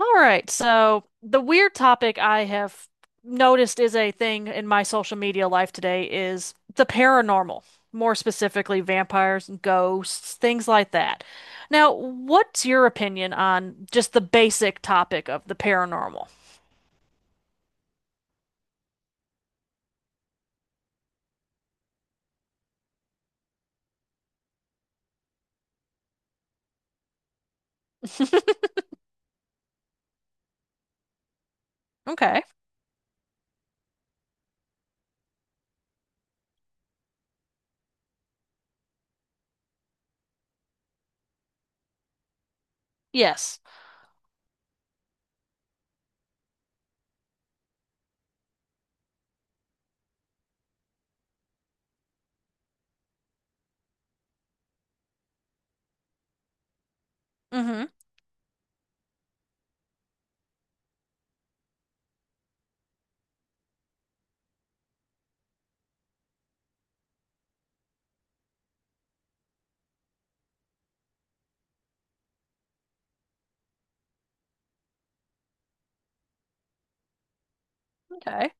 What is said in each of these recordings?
All right, so the weird topic I have noticed is a thing in my social media life today is the paranormal, more specifically vampires and ghosts, things like that. Now, what's your opinion on just the basic topic of the paranormal? Okay. Yes. Mm-hmm. Okay.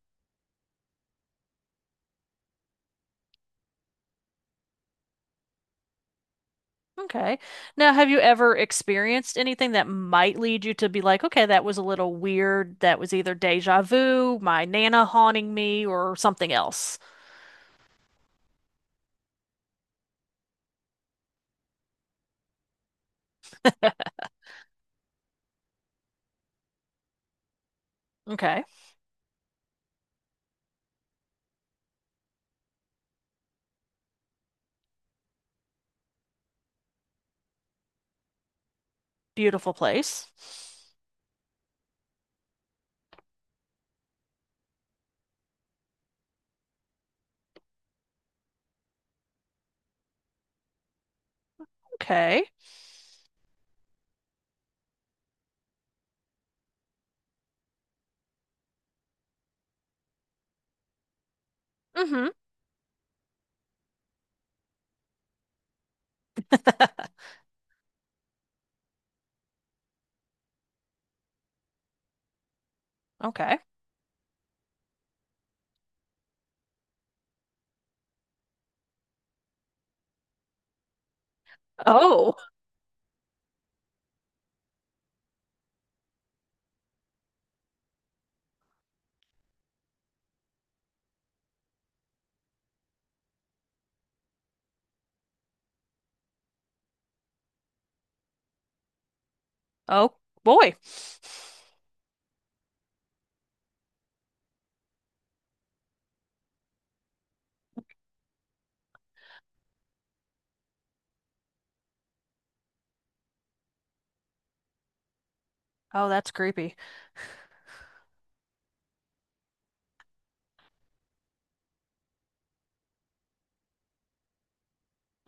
Okay. Now, have you ever experienced anything that might lead you to be like, okay, that was a little weird. That was either deja vu, my Nana haunting me, or something else? Okay. Beautiful place. Okay. Mm-hmm. Okay. Oh. Oh boy. Oh, that's creepy.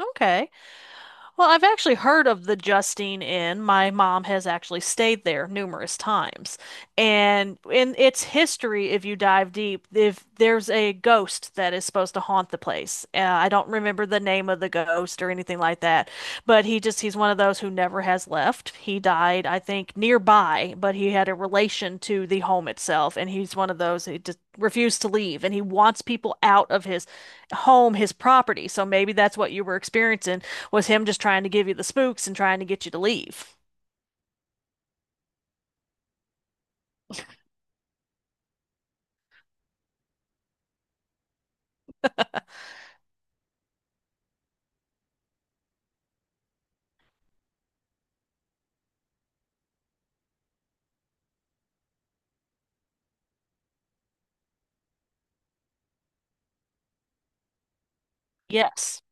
Okay. Well, I've actually heard of the Justine Inn. My mom has actually stayed there numerous times. And in its history, if you dive deep, if there's a ghost that is supposed to haunt the place. I don't remember the name of the ghost or anything like that, but he's one of those who never has left. He died, I think, nearby, but he had a relation to the home itself, and he's one of those who just refused to leave, and he wants people out of his home, his property. So maybe that's what you were experiencing was him just trying to give you the spooks and trying to get you to leave. Yes.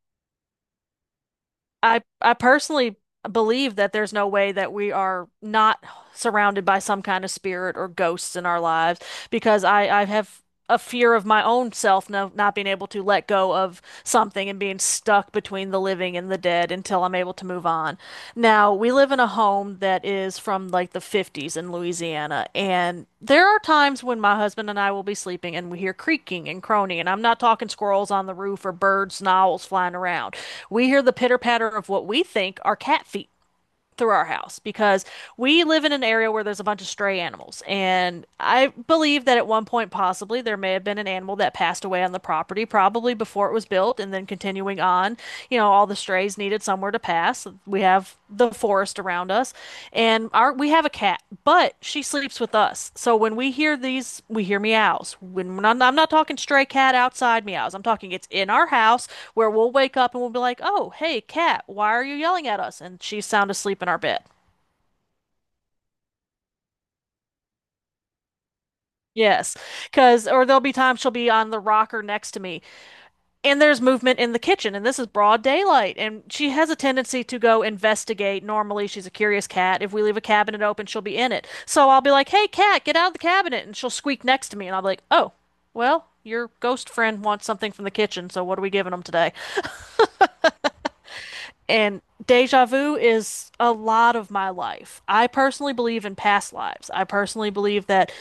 I personally believe that there's no way that we are not surrounded by some kind of spirit or ghosts in our lives because I have a fear of my own self, no, not being able to let go of something and being stuck between the living and the dead until I'm able to move on. Now, we live in a home that is from like the 50s in Louisiana, and there are times when my husband and I will be sleeping and we hear creaking and croning, and I'm not talking squirrels on the roof or birds and owls flying around. We hear the pitter patter of what we think are cat feet through our house because we live in an area where there's a bunch of stray animals. And I believe that at one point, possibly, there may have been an animal that passed away on the property, probably before it was built. And then continuing on, all the strays needed somewhere to pass. We have the forest around us, and our we have a cat, but she sleeps with us. So when we hear these, we hear meows when, when I'm not talking stray cat outside meows. I'm talking it's in our house, where we'll wake up and we'll be like, oh, hey cat, why are you yelling at us? And she's sound asleep in our bed. Yes, because, or there'll be times she'll be on the rocker next to me. And there's movement in the kitchen, and this is broad daylight. And she has a tendency to go investigate. Normally, she's a curious cat. If we leave a cabinet open, she'll be in it. So I'll be like, hey, cat, get out of the cabinet. And she'll squeak next to me. And I'll be like, oh, well, your ghost friend wants something from the kitchen. So what are we giving them today? And deja vu is a lot of my life. I personally believe in past lives. I personally believe that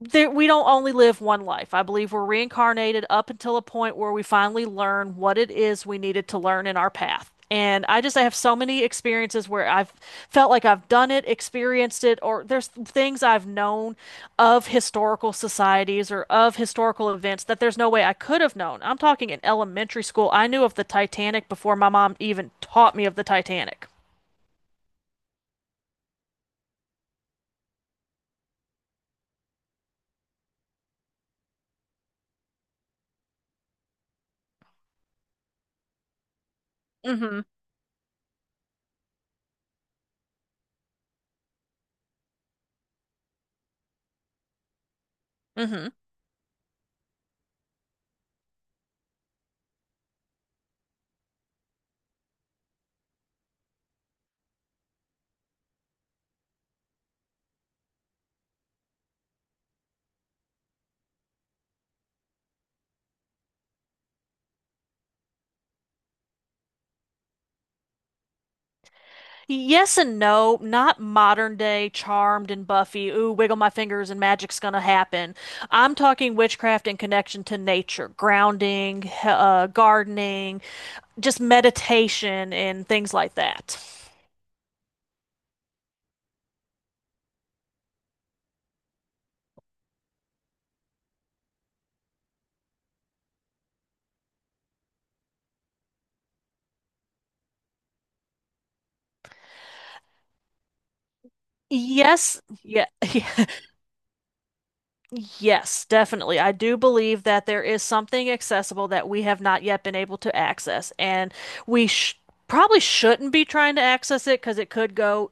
there, we don't only live one life. I believe we're reincarnated up until a point where we finally learn what it is we needed to learn in our path. And I have so many experiences where I've felt like I've done it, experienced it, or there's things I've known of historical societies or of historical events that there's no way I could have known. I'm talking in elementary school. I knew of the Titanic before my mom even taught me of the Titanic. Mm-hmm. Hmm. Yes and no, not modern day Charmed and Buffy. Ooh, wiggle my fingers and magic's gonna happen. I'm talking witchcraft in connection to nature, grounding, gardening, just meditation and things like that. Yes, yeah, yes, definitely. I do believe that there is something accessible that we have not yet been able to access, and we sh probably shouldn't be trying to access it because it could go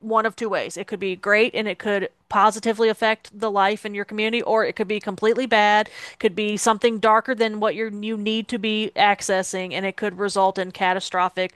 one of two ways. It could be great and it could positively affect the life in your community, or it could be completely bad, could be something darker than what you need to be accessing, and it could result in catastrophic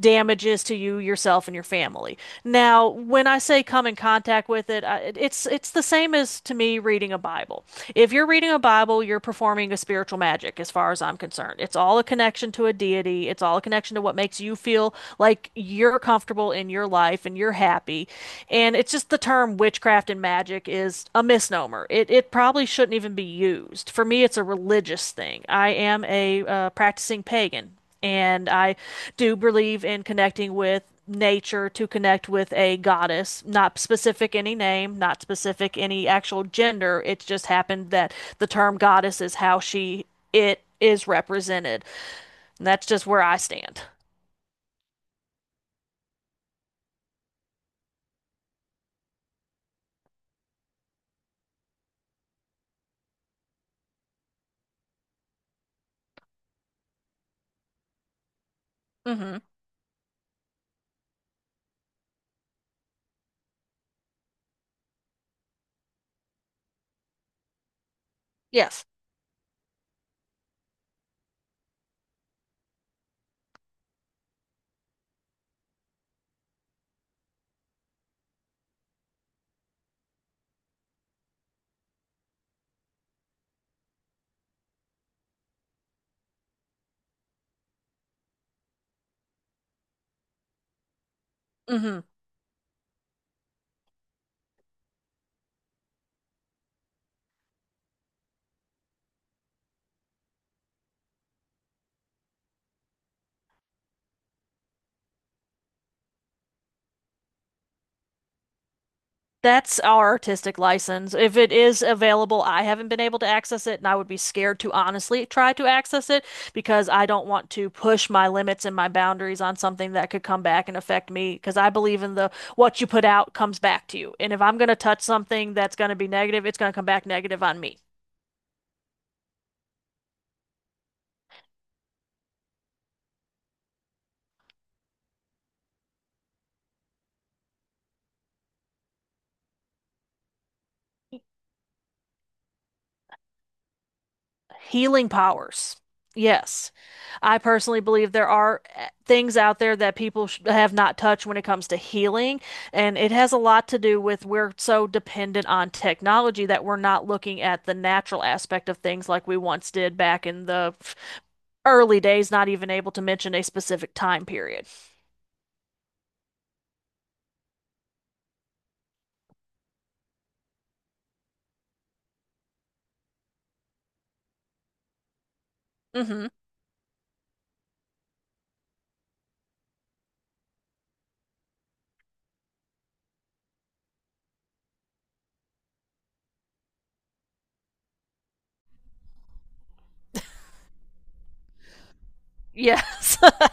damages to you, yourself, and your family. Now, when I say come in contact with it, it's the same as to me reading a Bible. If you're reading a Bible, you're performing a spiritual magic, as far as I'm concerned. It's all a connection to a deity. It's all a connection to what makes you feel like you're comfortable in your life and you're happy. And it's just the term witchcraft and magic is a misnomer. It probably shouldn't even be used. For me, it's a religious thing. I am a practicing pagan, and I do believe in connecting with nature to connect with a goddess, not specific any name, not specific any actual gender. It just happened that the term goddess is how she it is represented. And that's just where I stand. Hmm. Yes. Hmm. That's our artistic license. If it is available, I haven't been able to access it, and I would be scared to honestly try to access it because I don't want to push my limits and my boundaries on something that could come back and affect me. Because I believe in the what you put out comes back to you. And if I'm going to touch something that's going to be negative, it's going to come back negative on me. Healing powers. Yes. I personally believe there are things out there that people sh have not touched when it comes to healing, and it has a lot to do with we're so dependent on technology that we're not looking at the natural aspect of things like we once did back in the early days, not even able to mention a specific time period. Hmm. Yes.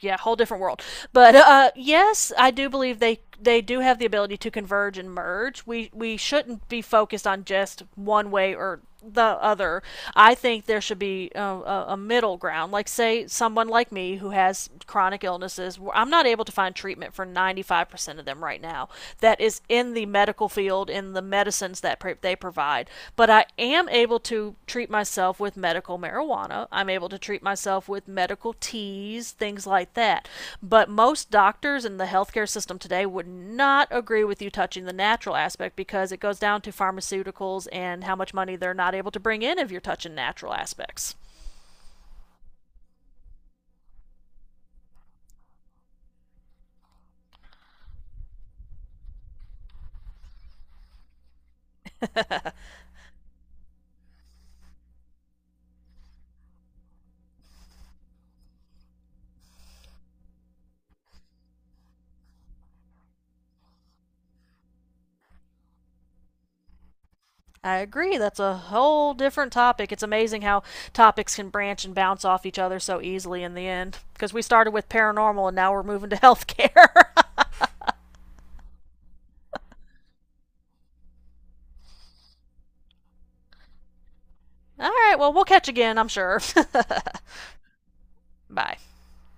Yeah, whole different world. But yes, I do believe they do have the ability to converge and merge. We shouldn't be focused on just one way or the other. I think there should be a middle ground. Like say someone like me who has chronic illnesses, I'm not able to find treatment for 95% of them right now. That is in the medical field in the medicines that they provide. But I am able to treat myself with medical marijuana. I'm able to treat myself with medical teas, things like that. But most doctors in the healthcare system today would not agree with you touching the natural aspect because it goes down to pharmaceuticals and how much money they're not able to bring in if you're touching natural aspects. I agree. That's a whole different topic. It's amazing how topics can branch and bounce off each other so easily in the end. Because we started with paranormal and now we're moving to healthcare. All right, well, we'll catch again, I'm sure. Bye.